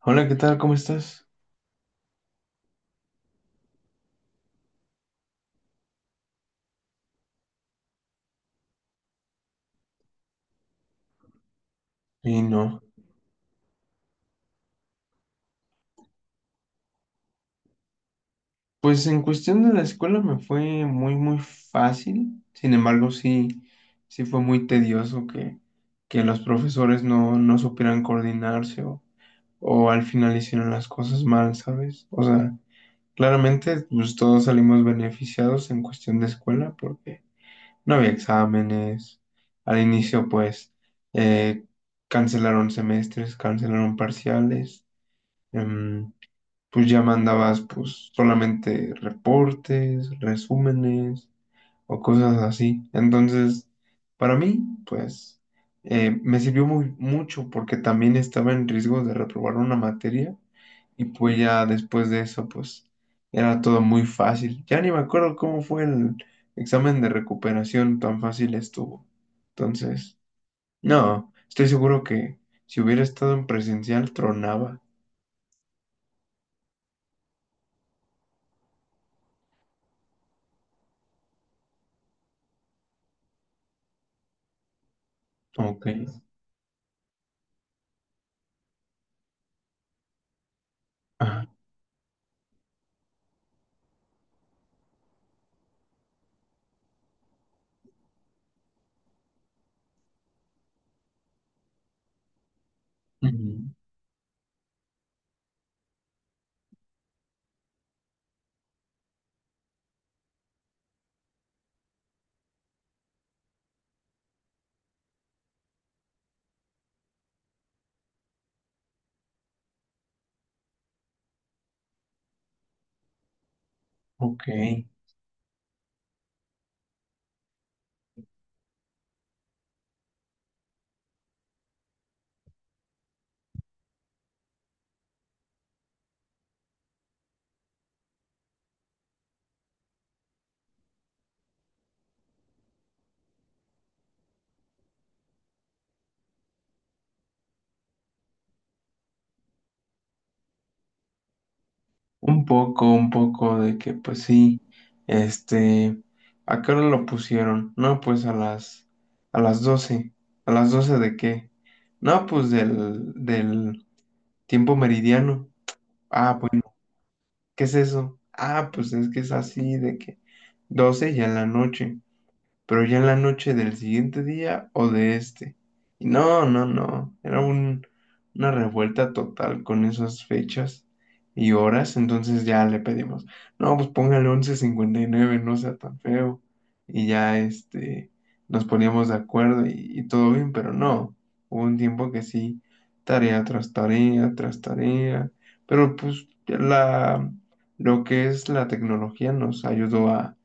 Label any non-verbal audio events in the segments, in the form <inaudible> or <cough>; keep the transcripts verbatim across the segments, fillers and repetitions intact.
Hola, ¿qué tal? ¿Cómo estás? Y no. Pues en cuestión de la escuela me fue muy, muy fácil. Sin embargo, sí, sí fue muy tedioso que, que los profesores no, no supieran coordinarse o, o al final hicieron las cosas mal, ¿sabes? O sea, claramente pues todos salimos beneficiados en cuestión de escuela porque no había exámenes. Al inicio, pues, eh, cancelaron semestres, cancelaron parciales. em, pues ya mandabas pues solamente reportes, resúmenes o cosas así. Entonces, para mí, pues eh, me sirvió muy mucho porque también estaba en riesgo de reprobar una materia, y pues ya después de eso, pues era todo muy fácil. Ya ni me acuerdo cómo fue el examen de recuperación, tan fácil estuvo. Entonces, no, estoy seguro que si hubiera estado en presencial, tronaba. Ok. Ajá. Ujú. Ok, un poco, un poco de que pues sí, este, ¿a qué hora lo pusieron? No, pues a las, a las doce. ¿A las doce de qué? No, pues del, del tiempo meridiano. Ah, pues, ¿qué es eso? Ah, pues es que es así de que doce ya en la noche. Pero ya en la noche del siguiente día o de este. Y no, no, no, era un, una revuelta total con esas fechas y horas, entonces ya le pedimos, no, pues póngale once cincuenta y nueve, no sea tan feo. Y ya este, nos poníamos de acuerdo, y, y todo bien, pero no, hubo un tiempo que sí, tarea tras tarea, tras tarea, pero pues la, lo que es la tecnología nos ayudó a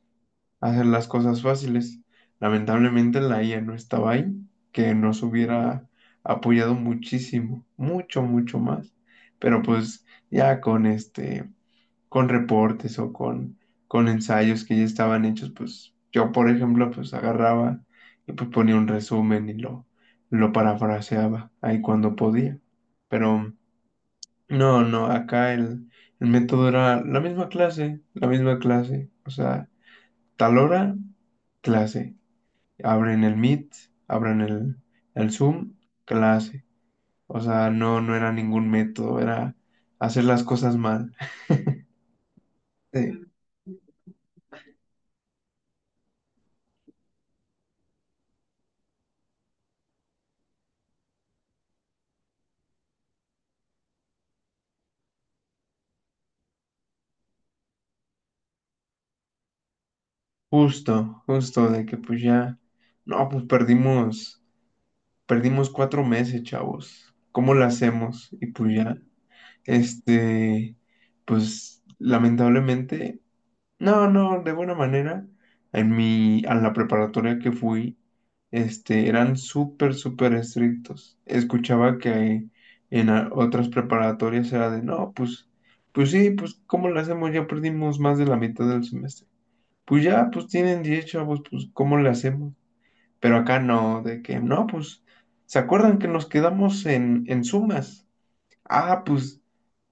hacer las cosas fáciles. Lamentablemente la I A no estaba ahí, que nos hubiera apoyado muchísimo, mucho, mucho más. Pero pues ya con este, con reportes o con, con ensayos que ya estaban hechos, pues yo, por ejemplo, pues agarraba y pues ponía un resumen y lo, lo parafraseaba ahí cuando podía. Pero no, no, acá el, el método era la misma clase, la misma clase, o sea tal hora, clase. Abren el Meet, abren el, el Zoom, clase. O sea, no, no era ningún método, era hacer las cosas mal. Sí, justo, justo de que pues ya, no, pues perdimos, perdimos cuatro meses, chavos. ¿Cómo lo hacemos? Y pues ya, este, pues lamentablemente. No, no, de buena manera. En mi, a la preparatoria que fui, este, eran súper, súper estrictos. Escuchaba que en a- otras preparatorias era de, no, pues, pues sí, pues, ¿cómo le hacemos? Ya perdimos más de la mitad del semestre. Pues ya, pues tienen diez chavos, pues, ¿cómo le hacemos? Pero acá no, de que, no, pues, ¿se acuerdan que nos quedamos en, en sumas? Ah, pues,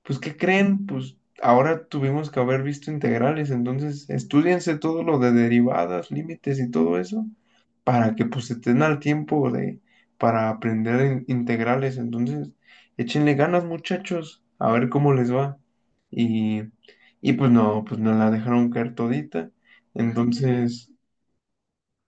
pues, ¿qué creen? Pues ahora tuvimos que haber visto integrales, entonces estudiense todo lo de derivadas, límites y todo eso, para que pues estén al tiempo de, para aprender in- integrales. Entonces, échenle ganas, muchachos, a ver cómo les va. Y, y pues no, pues nos la dejaron caer todita. Entonces,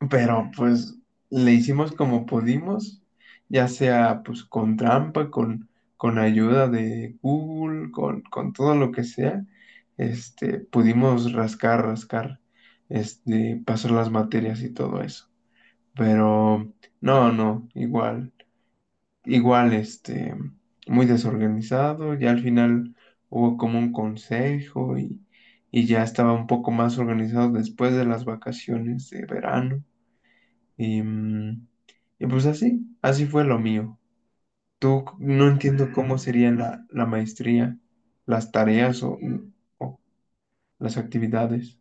pero pues le hicimos como pudimos, ya sea pues con trampa, con, con ayuda de Google, con, con todo lo que sea, este, pudimos rascar, rascar, este, pasar las materias y todo eso. Pero no, no, igual, igual, este, muy desorganizado, ya al final hubo como un consejo, y, y ya estaba un poco más organizado después de las vacaciones de verano. Y, mm, y pues así, así fue lo mío. Tú c- no entiendo cómo sería la, la maestría, las tareas o, mm, o las actividades.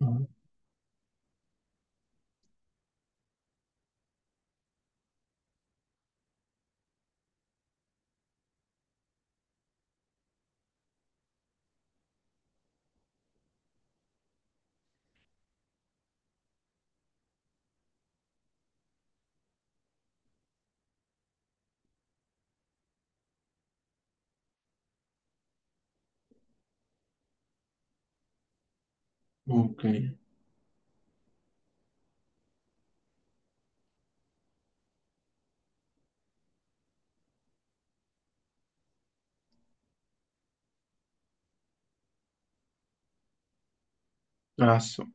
Ah, Ok, eso.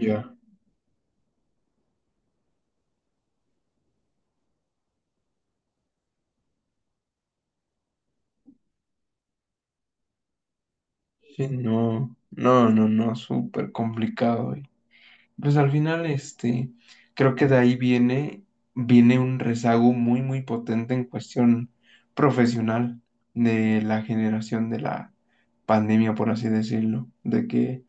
Ya. Sí, no, no, no, no, súper complicado. Y pues al final, este, creo que de ahí viene, viene un rezago muy, muy potente en cuestión profesional de la generación de la pandemia, por así decirlo, de que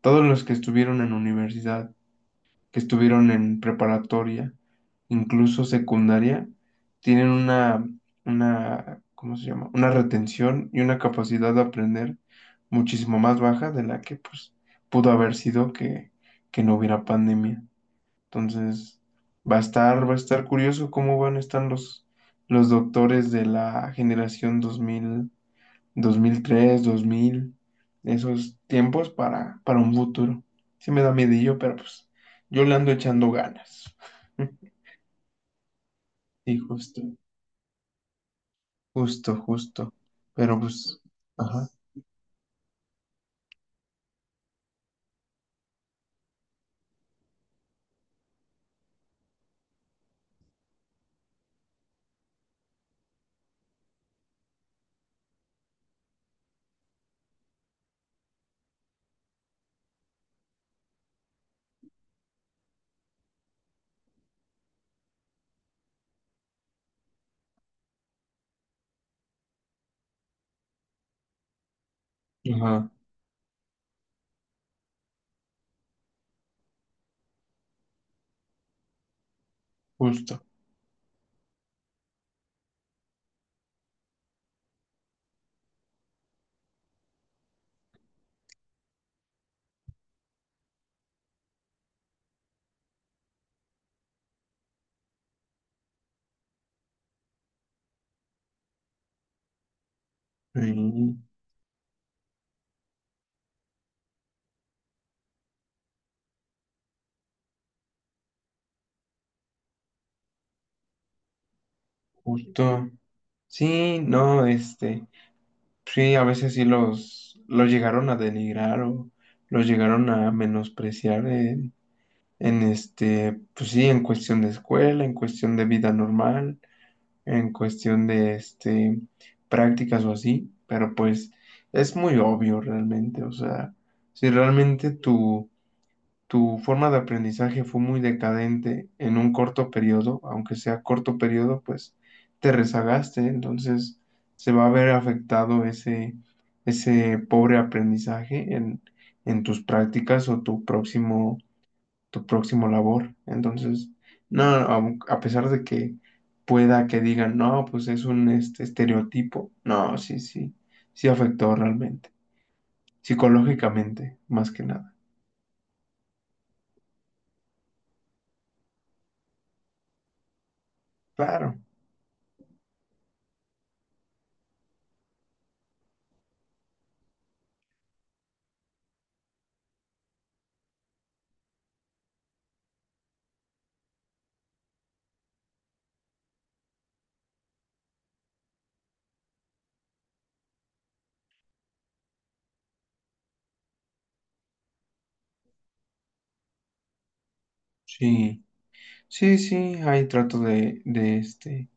todos los que estuvieron en universidad, que estuvieron en preparatoria, incluso secundaria, tienen una, una, ¿cómo se llama? Una retención y una capacidad de aprender muchísimo más baja de la que pues pudo haber sido que, que no hubiera pandemia. Entonces, va a estar, va a estar curioso cómo van a estar los, los doctores de la generación dos mil, dos mil tres, dos mil, esos tiempos, para, para un futuro. Sí me da miedillo, pero pues yo le ando echando ganas. <laughs> Y justo, justo, justo. Pero pues, ajá, ajá, justo. Sí, justo. Sí, no, este, sí, a veces sí los, los llegaron a denigrar o los llegaron a menospreciar en, en este, pues sí, en cuestión de escuela, en cuestión de vida normal. En cuestión de este, prácticas o así, pero pues es muy obvio realmente, o sea, si realmente tu, tu forma de aprendizaje fue muy decadente en un corto periodo, aunque sea corto periodo, pues te rezagaste, entonces se va a ver afectado ese, ese pobre aprendizaje en, en tus prácticas o tu próximo, tu próximo labor. Entonces, no, aun- a, pesar de que pueda que digan, no, pues es un este, estereotipo, no, sí, sí, sí afectó realmente, psicológicamente, más que nada. Claro, sí, sí, sí, ahí trato de, de, este,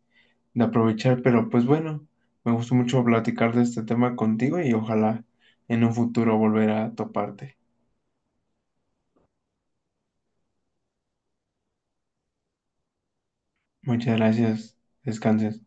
de aprovechar, pero pues bueno, me gustó mucho platicar de este tema contigo y ojalá en un futuro volver a toparte. Muchas gracias, descanses.